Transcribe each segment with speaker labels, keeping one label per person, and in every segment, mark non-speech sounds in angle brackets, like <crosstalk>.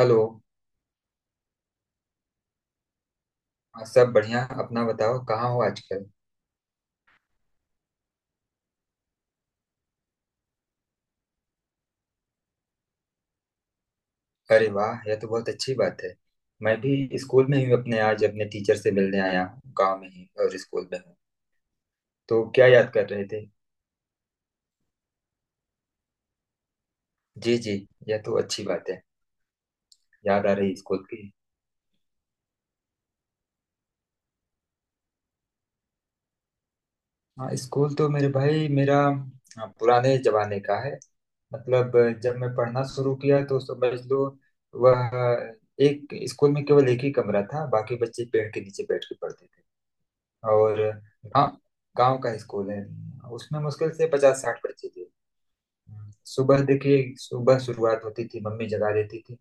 Speaker 1: Hello. हाँ, सब बढ़िया। अपना बताओ कहाँ हो आजकल। अरे वाह, यह तो बहुत अच्छी बात है। मैं भी स्कूल में ही हूँ अपने, आज अपने टीचर से मिलने आया हूँ, गाँव में ही और स्कूल में हूँ। तो क्या याद कर रहे थे? जी जी। यह तो अच्छी बात है। याद आ रही स्कूल की। हाँ, स्कूल तो मेरे भाई मेरा, हाँ, पुराने जमाने का है। मतलब जब मैं पढ़ना शुरू किया तो समझ लो वह, एक स्कूल में केवल एक ही कमरा था, बाकी बच्चे पेड़ के नीचे बैठ के पढ़ते थे। और गांव गांव का स्कूल है। उसमें मुश्किल से 50-60 बच्चे थे। सुबह देखिए, सुबह शुरुआत होती थी, मम्मी जगा देती थी।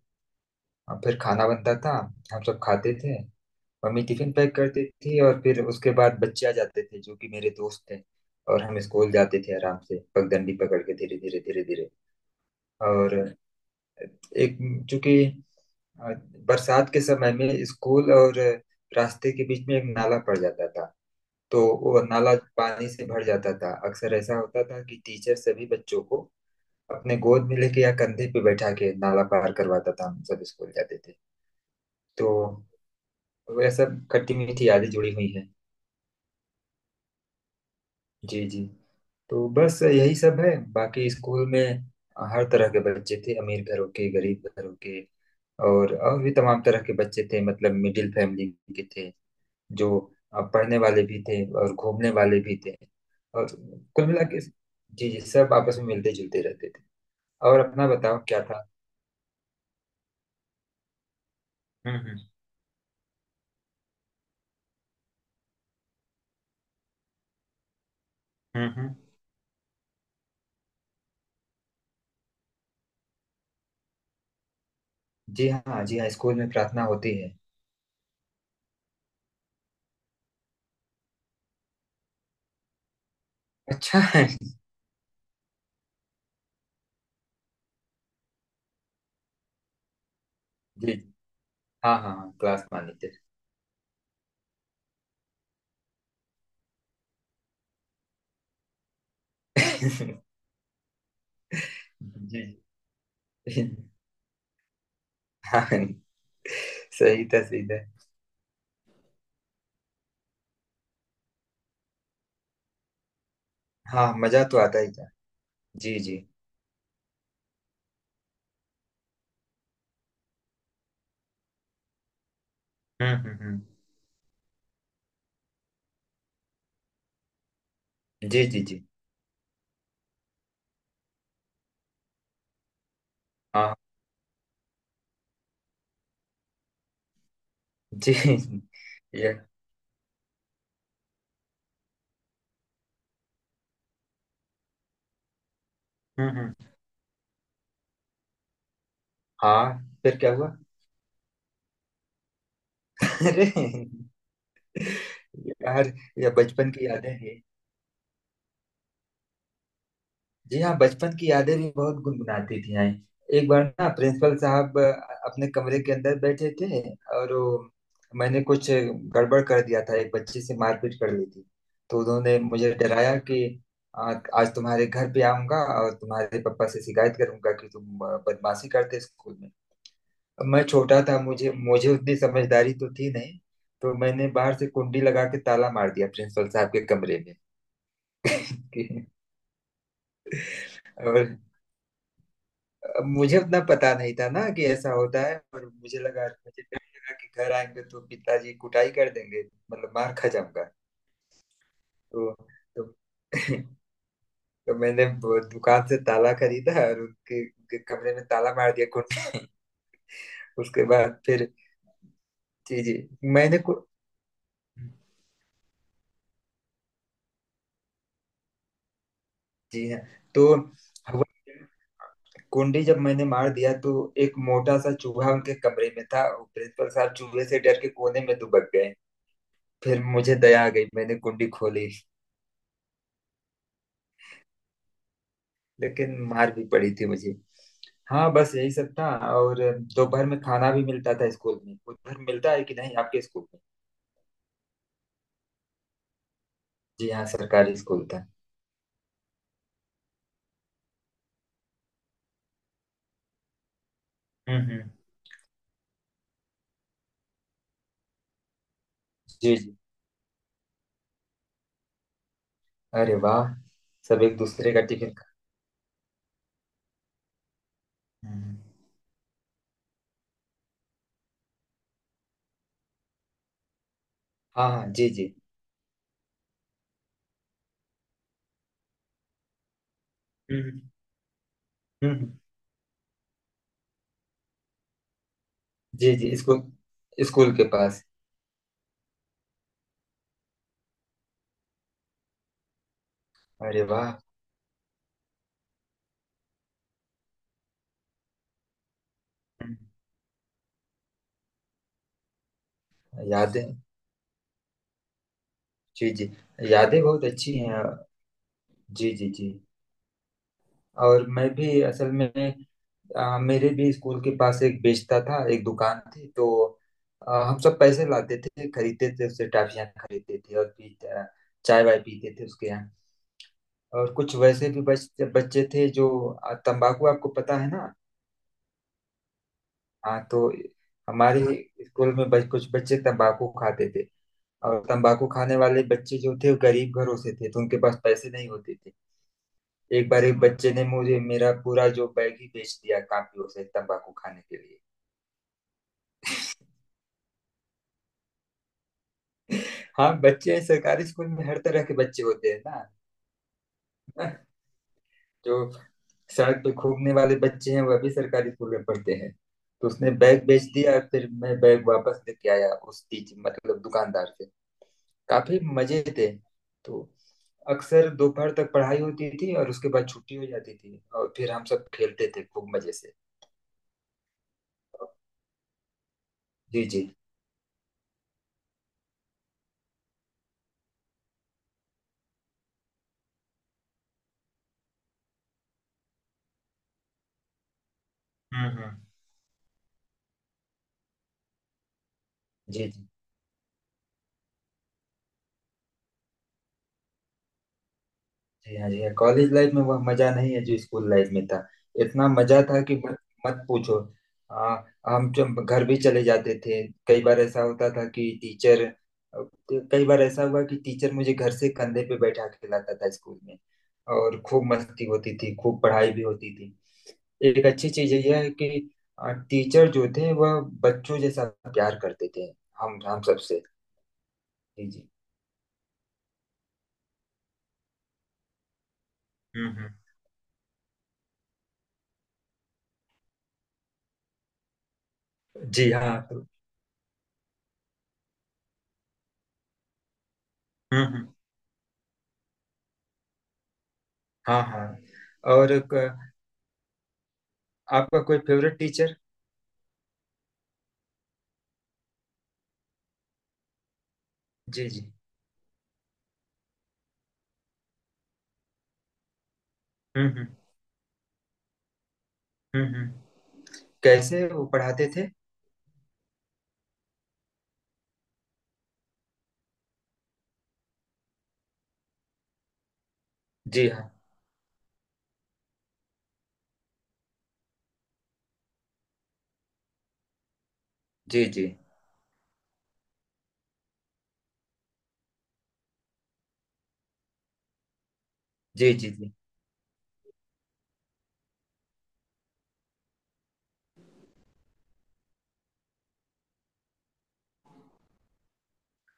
Speaker 1: और फिर खाना बनता था, हम सब खाते थे। मम्मी टिफिन पैक करती थी और फिर उसके बाद बच्चे आ जाते थे जो कि मेरे दोस्त थे। और हम स्कूल जाते थे आराम से पगडंडी पकड़ के, धीरे धीरे धीरे धीरे। और एक, चूंकि अ, बरसात के समय में स्कूल और रास्ते के बीच में एक नाला पड़ जाता था। तो वो नाला पानी से भर जाता था। अक्सर ऐसा होता था कि टीचर सभी बच्चों को अपने गोद में लेके या कंधे पे बैठा के नाला पार करवाता था, हम सब स्कूल जाते थे। तो वह सब खट्टी मीठी यादें जुड़ी हुई हैं। जी जी। तो बस यही सब है। बाकी स्कूल में हर तरह के बच्चे थे, अमीर घरों के, गरीब घरों के। और भी तमाम तरह के बच्चे थे, मतलब मिडिल फैमिली के थे। जो पढ़ने वाले भी थे और घूमने वाले भी थे। और कुल मिला के, जी जी, सब आपस में मिलते जुलते रहते थे। और अपना बताओ क्या था। हम्म। हम्म हम्म। जी हाँ, जी हाँ, स्कूल में प्रार्थना होती है। अच्छा <laughs> है जी। जी, हाँ हाँ हाँ, क्लास मॉनिटर। <laughs> जी जी। हाँ, सही था सही था। हाँ, मजा तो आता ही था। जी जी। हम्म। जी जी जी। हाँ। जी। <laughs> ये, हम्म, हम्म। हाँ, फिर क्या हुआ? <laughs> अरे यार, ये बचपन की यादें हैं। जी हाँ, बचपन की यादें भी बहुत गुनगुनाती थी हैं। एक बार ना, प्रिंसिपल साहब अपने कमरे के अंदर बैठे थे। और वो, मैंने कुछ गड़बड़ कर दिया था, एक बच्चे से मारपीट कर ली थी। तो उन्होंने मुझे डराया कि "आ, आज तुम्हारे घर पे आऊंगा और तुम्हारे पापा से शिकायत करूंगा कि तुम बदमाशी करते स्कूल में।" अब मैं छोटा था, मुझे मुझे उतनी समझदारी तो थी नहीं। तो मैंने बाहर से कुंडी लगा के ताला मार दिया प्रिंसिपल साहब के कमरे में। और अब मुझे उतना पता नहीं था ना कि ऐसा होता है, और मुझे लगा, मुझे डर लगा कि घर आएंगे तो पिताजी कुटाई कर देंगे, मतलब मार खा जाऊंगा। तो तो, <laughs> तो मैंने वो दुकान से ताला खरीदा और उनके कमरे में ताला मार दिया कुंड में। <laughs> उसके बाद फिर, जी जी। मैंने को जी हाँ। तो हुआ क्या, कुंडी जब मैंने मार दिया तो एक मोटा सा चूहा उनके कमरे में था। वो प्रिंसिपल साहब चूहे से डर के कोने में दुबक गए। फिर मुझे दया आ गई, मैंने कुंडी खोली। लेकिन मार भी पड़ी थी मुझे। हाँ, बस यही सब था। और दोपहर में खाना भी मिलता था स्कूल में, उधर मिलता है कि नहीं आपके स्कूल में? जी हाँ, सरकारी स्कूल था। हम्म। जी जी। अरे वाह। सब एक दूसरे का टिफिन खा, हम्म, हाँ हाँ, जी जी। हम्म हम्म। जी जी। स्कूल स्कूल के पास। अरे वाह। हम्म, यादें, जी जी, यादें बहुत अच्छी हैं। जी जी जी। और मैं भी असल में, मेरे भी स्कूल के पास एक बेचता था, एक दुकान थी। तो हम सब पैसे लाते थे, खरीदते थे, उससे टॉफियाँ खरीदते थे और पी चाय वाय पीते थे उसके यहाँ। और कुछ वैसे भी बच्चे थे जो तंबाकू, आपको पता है ना? हाँ। तो हमारे स्कूल में कुछ बच्चे तंबाकू खाते थे। और तंबाकू खाने वाले बच्चे जो थे वो गरीब घरों से थे, तो उनके पास पैसे नहीं होते थे। एक बार एक बच्चे ने मुझे मेरा पूरा जो बैग ही बेच दिया, काफी, उसे तंबाकू खाने के लिए। हाँ, बच्चे हैं, सरकारी स्कूल में हर तरह के बच्चे होते हैं ना। <laughs> जो सड़क पे घूमने वाले बच्चे हैं वह भी सरकारी स्कूल में पढ़ते हैं। तो उसने बैग बेच दिया, फिर मैं बैग वापस लेके आया उस टीच मतलब दुकानदार से। काफी मजे थे। तो अक्सर दोपहर तक पढ़ाई होती थी और उसके बाद छुट्टी हो जाती थी और फिर हम सब खेलते थे खूब मजे से। जी जी। हम्म। जी जी जी। हाँ, जी हाँ, कॉलेज लाइफ में वह मजा नहीं है जो स्कूल लाइफ में था। इतना मजा था कि मत मत पूछो। आ, हम जब घर भी चले जाते थे, कई बार ऐसा होता था कि टीचर, कई बार ऐसा हुआ कि टीचर मुझे घर से कंधे पे बैठा के लाता था स्कूल में। और खूब मस्ती होती थी, खूब पढ़ाई भी होती थी। एक अच्छी चीज यह है कि टीचर जो थे वह बच्चों जैसा प्यार करते थे हम सबसे। जी जी। हम्म। जी हाँ। हम्म। हाँ हाँ। और आपका कोई फेवरेट टीचर? जी जी। हम्म। हम्म हम्म। कैसे वो पढ़ाते थे? जी हाँ। जी जी। जी जी। जी।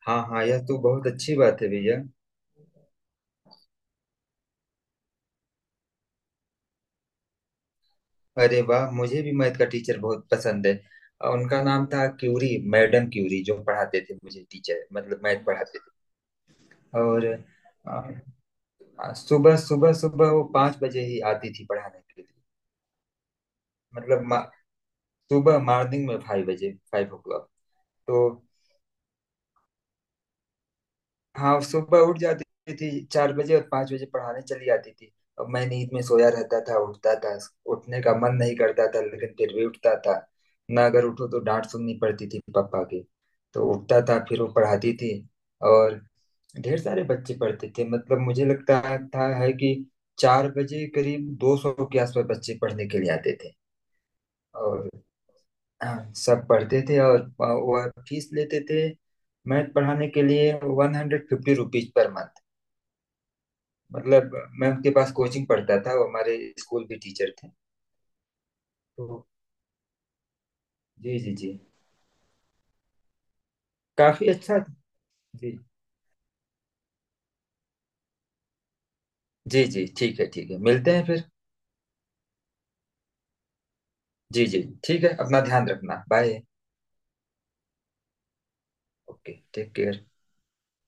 Speaker 1: हाँ हाँ, यह तो बहुत अच्छी बात है भैया। अरे वाह, मुझे भी मैथ का टीचर बहुत पसंद है। उनका नाम था क्यूरी, मैडम क्यूरी जो पढ़ाते थे मुझे, टीचर मतलब मैथ पढ़ाते थे। और अ, सुबह सुबह सुबह वो 5 बजे ही आती थी पढ़ाने के लिए। मतलब सुबह मॉर्निंग में 5 बजे, 5 ओ क्लॉक। तो हाँ, सुबह उठ जाती थी 4 बजे और 5 बजे पढ़ाने चली जाती थी। अब मैं नींद में सोया रहता था, उठता था, उठने का मन नहीं करता था लेकिन फिर भी उठता था। ना अगर उठो तो डांट सुननी पड़ती थी पापा की। तो उठता था, फिर वो पढ़ाती थी। और ढेर सारे बच्चे पढ़ते थे, मतलब मुझे लगता था है कि 4 बजे करीब 200 के आसपास बच्चे पढ़ने के लिए आते थे। और हाँ, सब पढ़ते थे और वह फीस लेते थे मैथ पढ़ाने के लिए 150 रुपीज पर मंथ। मतलब मैं उनके पास कोचिंग पढ़ता था, वो हमारे स्कूल भी टीचर थे। तो जी जी जी। काफी अच्छा। जी जी जी। ठीक है, ठीक है, मिलते हैं फिर। जी जी। ठीक है, अपना ध्यान रखना, बाय। Okay, take care.